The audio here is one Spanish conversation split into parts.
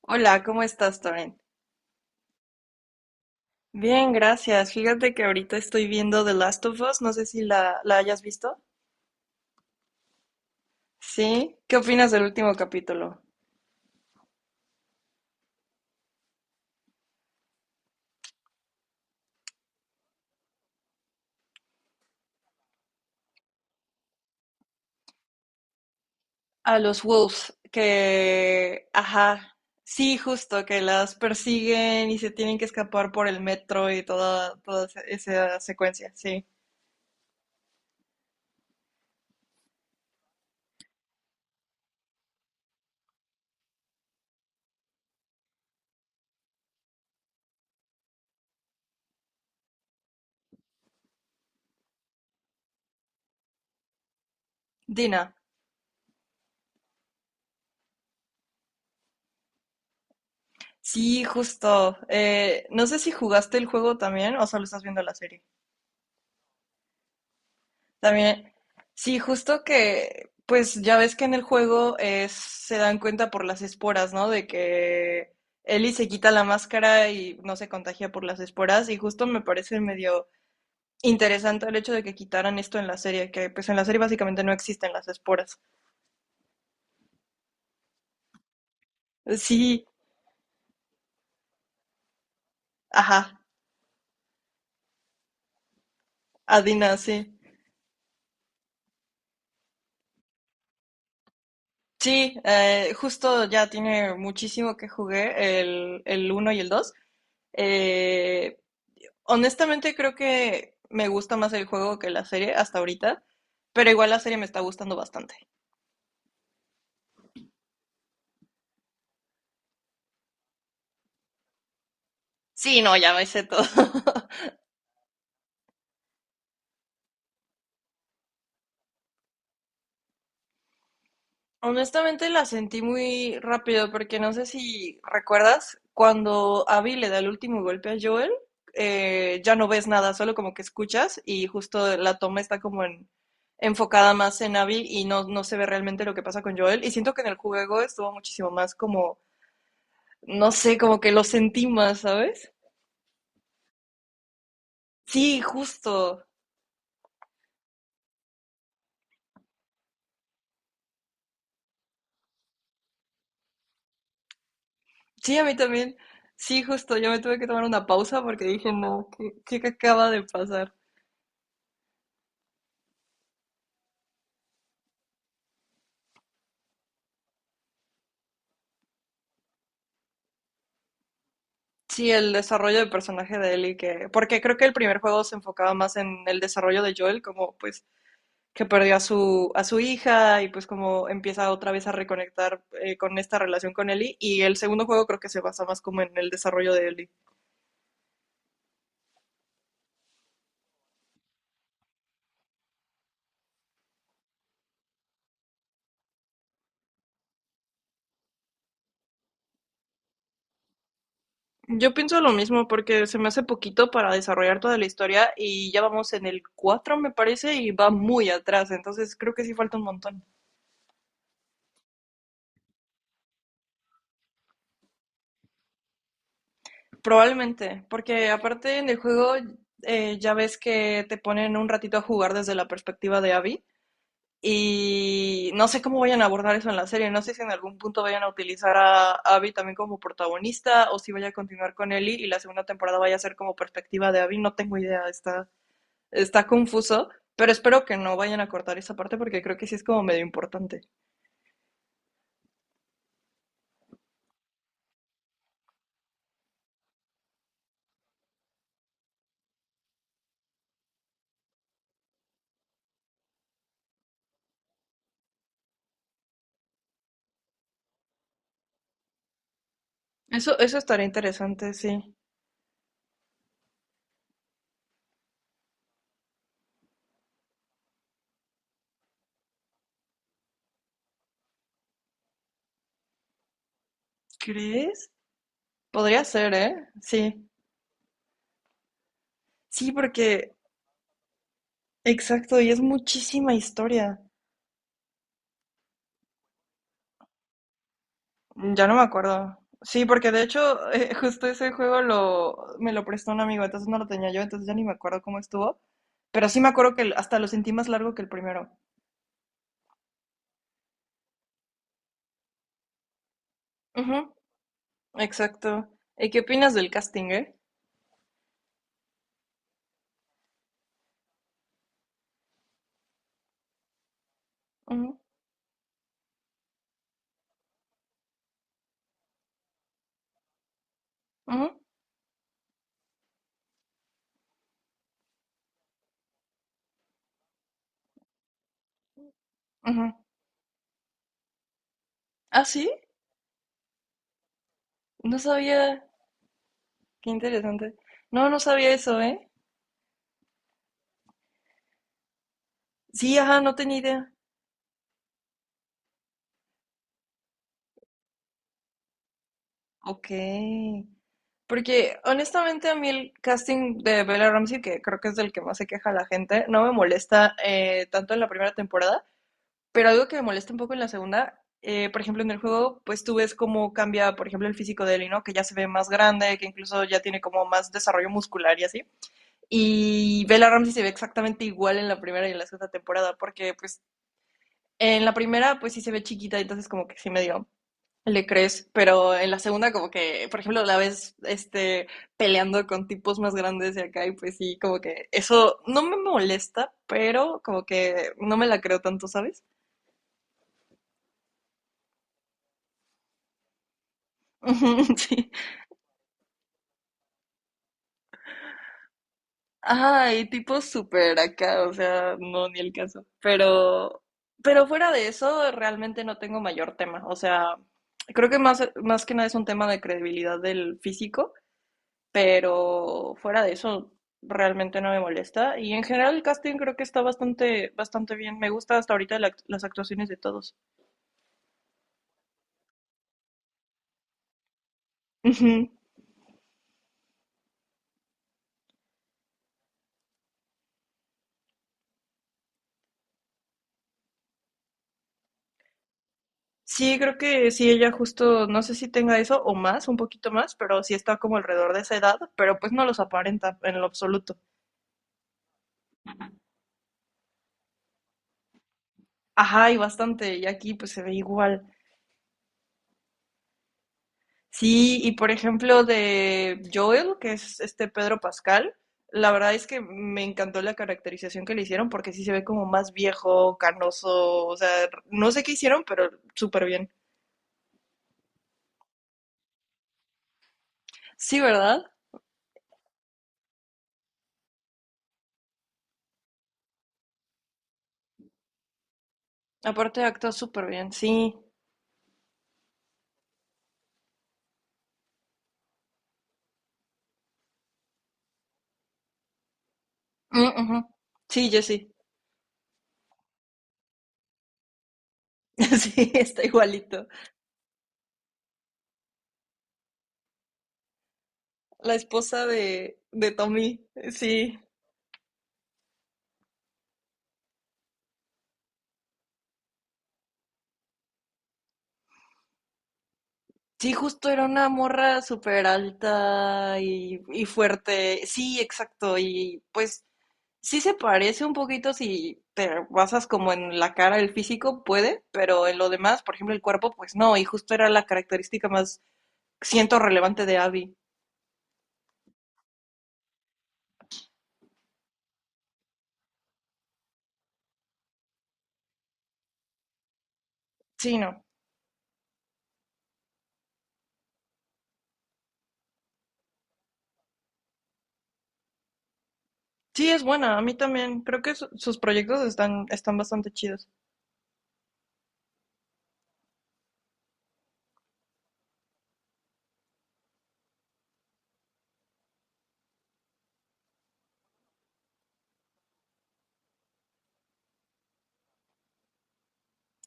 Hola, ¿cómo estás, Toren? Bien, gracias. Fíjate que ahorita estoy viendo The Last of Us, no sé si la hayas visto. Sí, ¿qué opinas del último capítulo? A los Wolves, que, ajá, sí, justo, que las persiguen y se tienen que escapar por el metro y toda, toda esa secuencia, sí. Dina, sí, justo. No sé si jugaste el juego también o solo estás viendo la serie. También, sí, justo que, pues ya ves que en el juego se dan cuenta por las esporas, ¿no? De que Ellie se quita la máscara y no se contagia por las esporas. Y justo me parece medio interesante el hecho de que quitaran esto en la serie, que pues en la serie básicamente no existen las esporas. Sí, ajá, Adina, sí. Sí, justo ya tiene muchísimo que jugué, el uno y el dos. Eh, Honestamente creo que me gusta más el juego que la serie hasta ahorita, pero igual la serie me está gustando bastante. Sí, no, ya me sé todo. Honestamente la sentí muy rápido porque no sé si recuerdas cuando Abby le da el último golpe a Joel, ya no ves nada, solo como que escuchas y justo la toma está como en, enfocada más en Abby y no, no se ve realmente lo que pasa con Joel. Y siento que en el juego estuvo muchísimo más como, no sé, como que lo sentí más, ¿sabes? Sí, justo. Sí, a mí también. Sí, justo, yo me tuve que tomar una pausa porque dije, no, ¿qué, qué acaba de pasar? Sí, el desarrollo del personaje de Ellie, que, porque creo que el primer juego se enfocaba más en el desarrollo de Joel, como pues que perdió a su hija y pues como empieza otra vez a reconectar con esta relación con Ellie, y el segundo juego creo que se basa más como en el desarrollo de Ellie. Yo pienso lo mismo porque se me hace poquito para desarrollar toda la historia y ya vamos en el 4 me parece y va muy atrás, entonces creo que sí falta un montón. Probablemente, porque aparte en el juego ya ves que te ponen un ratito a jugar desde la perspectiva de Abby y no sé cómo vayan a abordar eso en la serie, no sé si en algún punto vayan a utilizar a Abby también como protagonista o si vaya a continuar con Ellie y la segunda temporada vaya a ser como perspectiva de Abby, no tengo idea, está, está confuso, pero espero que no vayan a cortar esa parte porque creo que sí es como medio importante. Eso estaría interesante, sí. ¿Crees? Podría ser, ¿eh? Sí. Sí, porque exacto, y es muchísima historia. Mm, ya no me acuerdo. Sí, porque de hecho, justo ese juego lo, me lo prestó un amigo, entonces no lo tenía yo, entonces ya ni me acuerdo cómo estuvo. Pero sí me acuerdo que hasta lo sentí más largo que el primero. Ujú, exacto. ¿Y qué opinas del casting, eh? Ujú, ujú, ujú. Ah, sí, no sabía. Qué interesante. No, no sabía eso, ¿eh? Sí, ajá, no tenía idea. Ok. Porque honestamente a mí el casting de Bella Ramsey, que creo que es del que más se queja la gente, no me molesta tanto en la primera temporada, pero algo que me molesta un poco en la segunda, por ejemplo en el juego, pues tú ves cómo cambia, por ejemplo, el físico de Ellie, ¿no? Que ya se ve más grande, que incluso ya tiene como más desarrollo muscular y así. Y Bella Ramsey se ve exactamente igual en la primera y en la segunda temporada, porque pues en la primera pues sí se ve chiquita, entonces como que sí medio le crees, pero en la segunda como que, por ejemplo, la ves este peleando con tipos más grandes de acá y pues sí, como que eso no me molesta, pero como que no me la creo tanto, ¿sabes? Ujú, sí. Ay, tipos súper acá, o sea, no, ni el caso. Pero fuera de eso, realmente no tengo mayor tema. O sea, creo que más, más que nada es un tema de credibilidad del físico. Pero fuera de eso realmente no me molesta y en general el casting creo que está bastante bastante bien. Me gusta hasta ahorita la las actuaciones de todos. Ujú. Sí, creo que sí, ella justo, no sé si tenga eso o más, un poquito más, pero sí está como alrededor de esa edad, pero pues no los aparenta en lo absoluto. Ajá, y bastante, y aquí pues se ve igual. Sí, y por ejemplo de Joel, que es este Pedro Pascal, la verdad es que me encantó la caracterización que le hicieron porque sí se ve como más viejo, canoso, o sea, no sé qué hicieron, pero súper bien. Sí, ¿verdad? Aparte actúa súper bien, sí. Mm, ujú. Sí, Jessie. Sí, está igualito. La esposa de Tommy, sí. Sí, justo era una morra súper alta y fuerte. Sí, exacto. Y pues sí se parece un poquito si te basas como en la cara, el físico puede, pero en lo demás, por ejemplo, el cuerpo, pues no, y justo era la característica más, siento, relevante de Abby. Sí, no. Sí, es buena, a mí también. Creo que sus proyectos están, están bastante chidos.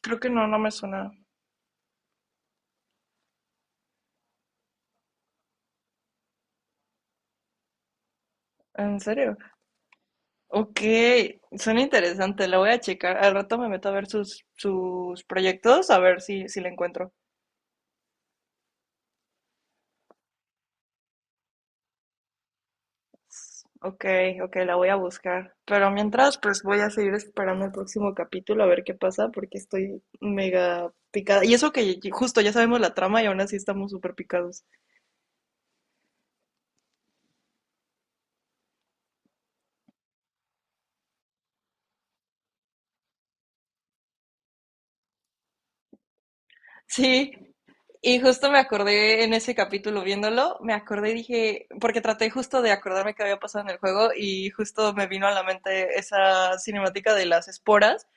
Creo que no, no me suena. ¿En serio? Ok, suena interesante, la voy a checar. Al rato me meto a ver sus proyectos, a ver si, si la encuentro. Ok, ok, la voy a buscar. Pero mientras, pues voy a seguir esperando el próximo capítulo a ver qué pasa, porque estoy mega picada. Y eso que justo ya sabemos la trama y aún así estamos súper picados. Sí, y justo me acordé en ese capítulo viéndolo, me acordé y dije, porque traté justo de acordarme qué había pasado en el juego y justo me vino a la mente esa cinemática de las esporas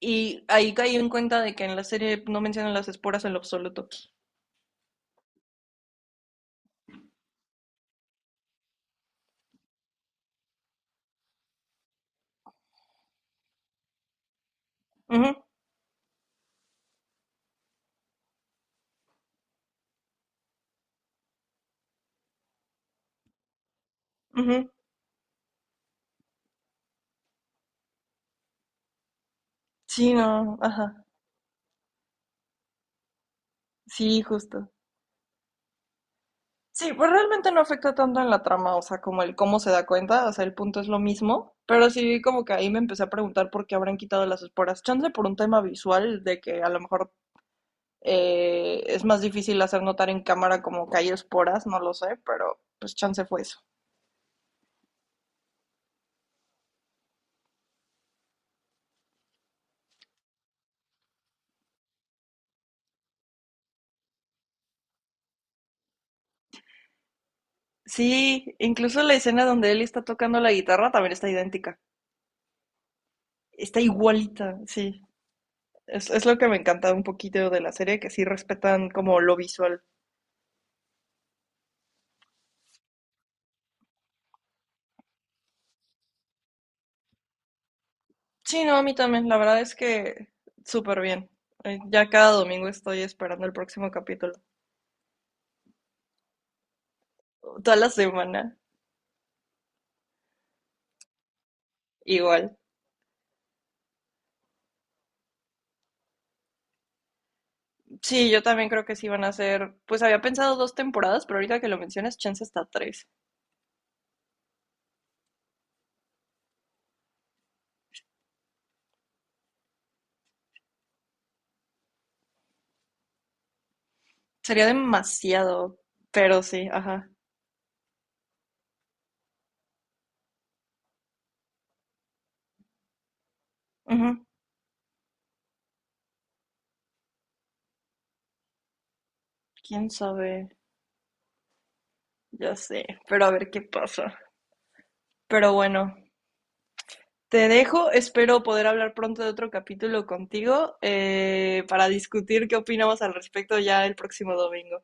y ahí caí en cuenta de que en la serie no mencionan las esporas en lo absoluto. Ujú, ujú. Sí, no, ajá. Sí, justo. Sí, pues realmente no afecta tanto en la trama, o sea, como el cómo se da cuenta, o sea, el punto es lo mismo, pero sí como que ahí me empecé a preguntar por qué habrán quitado las esporas. Chance por un tema visual de que a lo mejor es más difícil hacer notar en cámara como que hay esporas, no lo sé, pero pues chance fue eso. Sí, incluso la escena donde él está tocando la guitarra también está idéntica, está igualita, sí. Es lo que me encanta un poquito de la serie, que sí respetan como lo visual. Sí, no, a mí también. La verdad es que súper bien. Ya cada domingo estoy esperando el próximo capítulo. Toda la semana. Igual. Sí, yo también creo que sí van a ser. Pues había pensado dos temporadas, pero ahorita que lo mencionas, chance hasta tres. Sería demasiado. Pero sí, ajá. Ujú. Quién sabe. Ya sé. Pero a ver qué pasa. Pero bueno. Te dejo, espero poder hablar pronto de otro capítulo contigo para discutir qué opinamos al respecto ya el próximo domingo.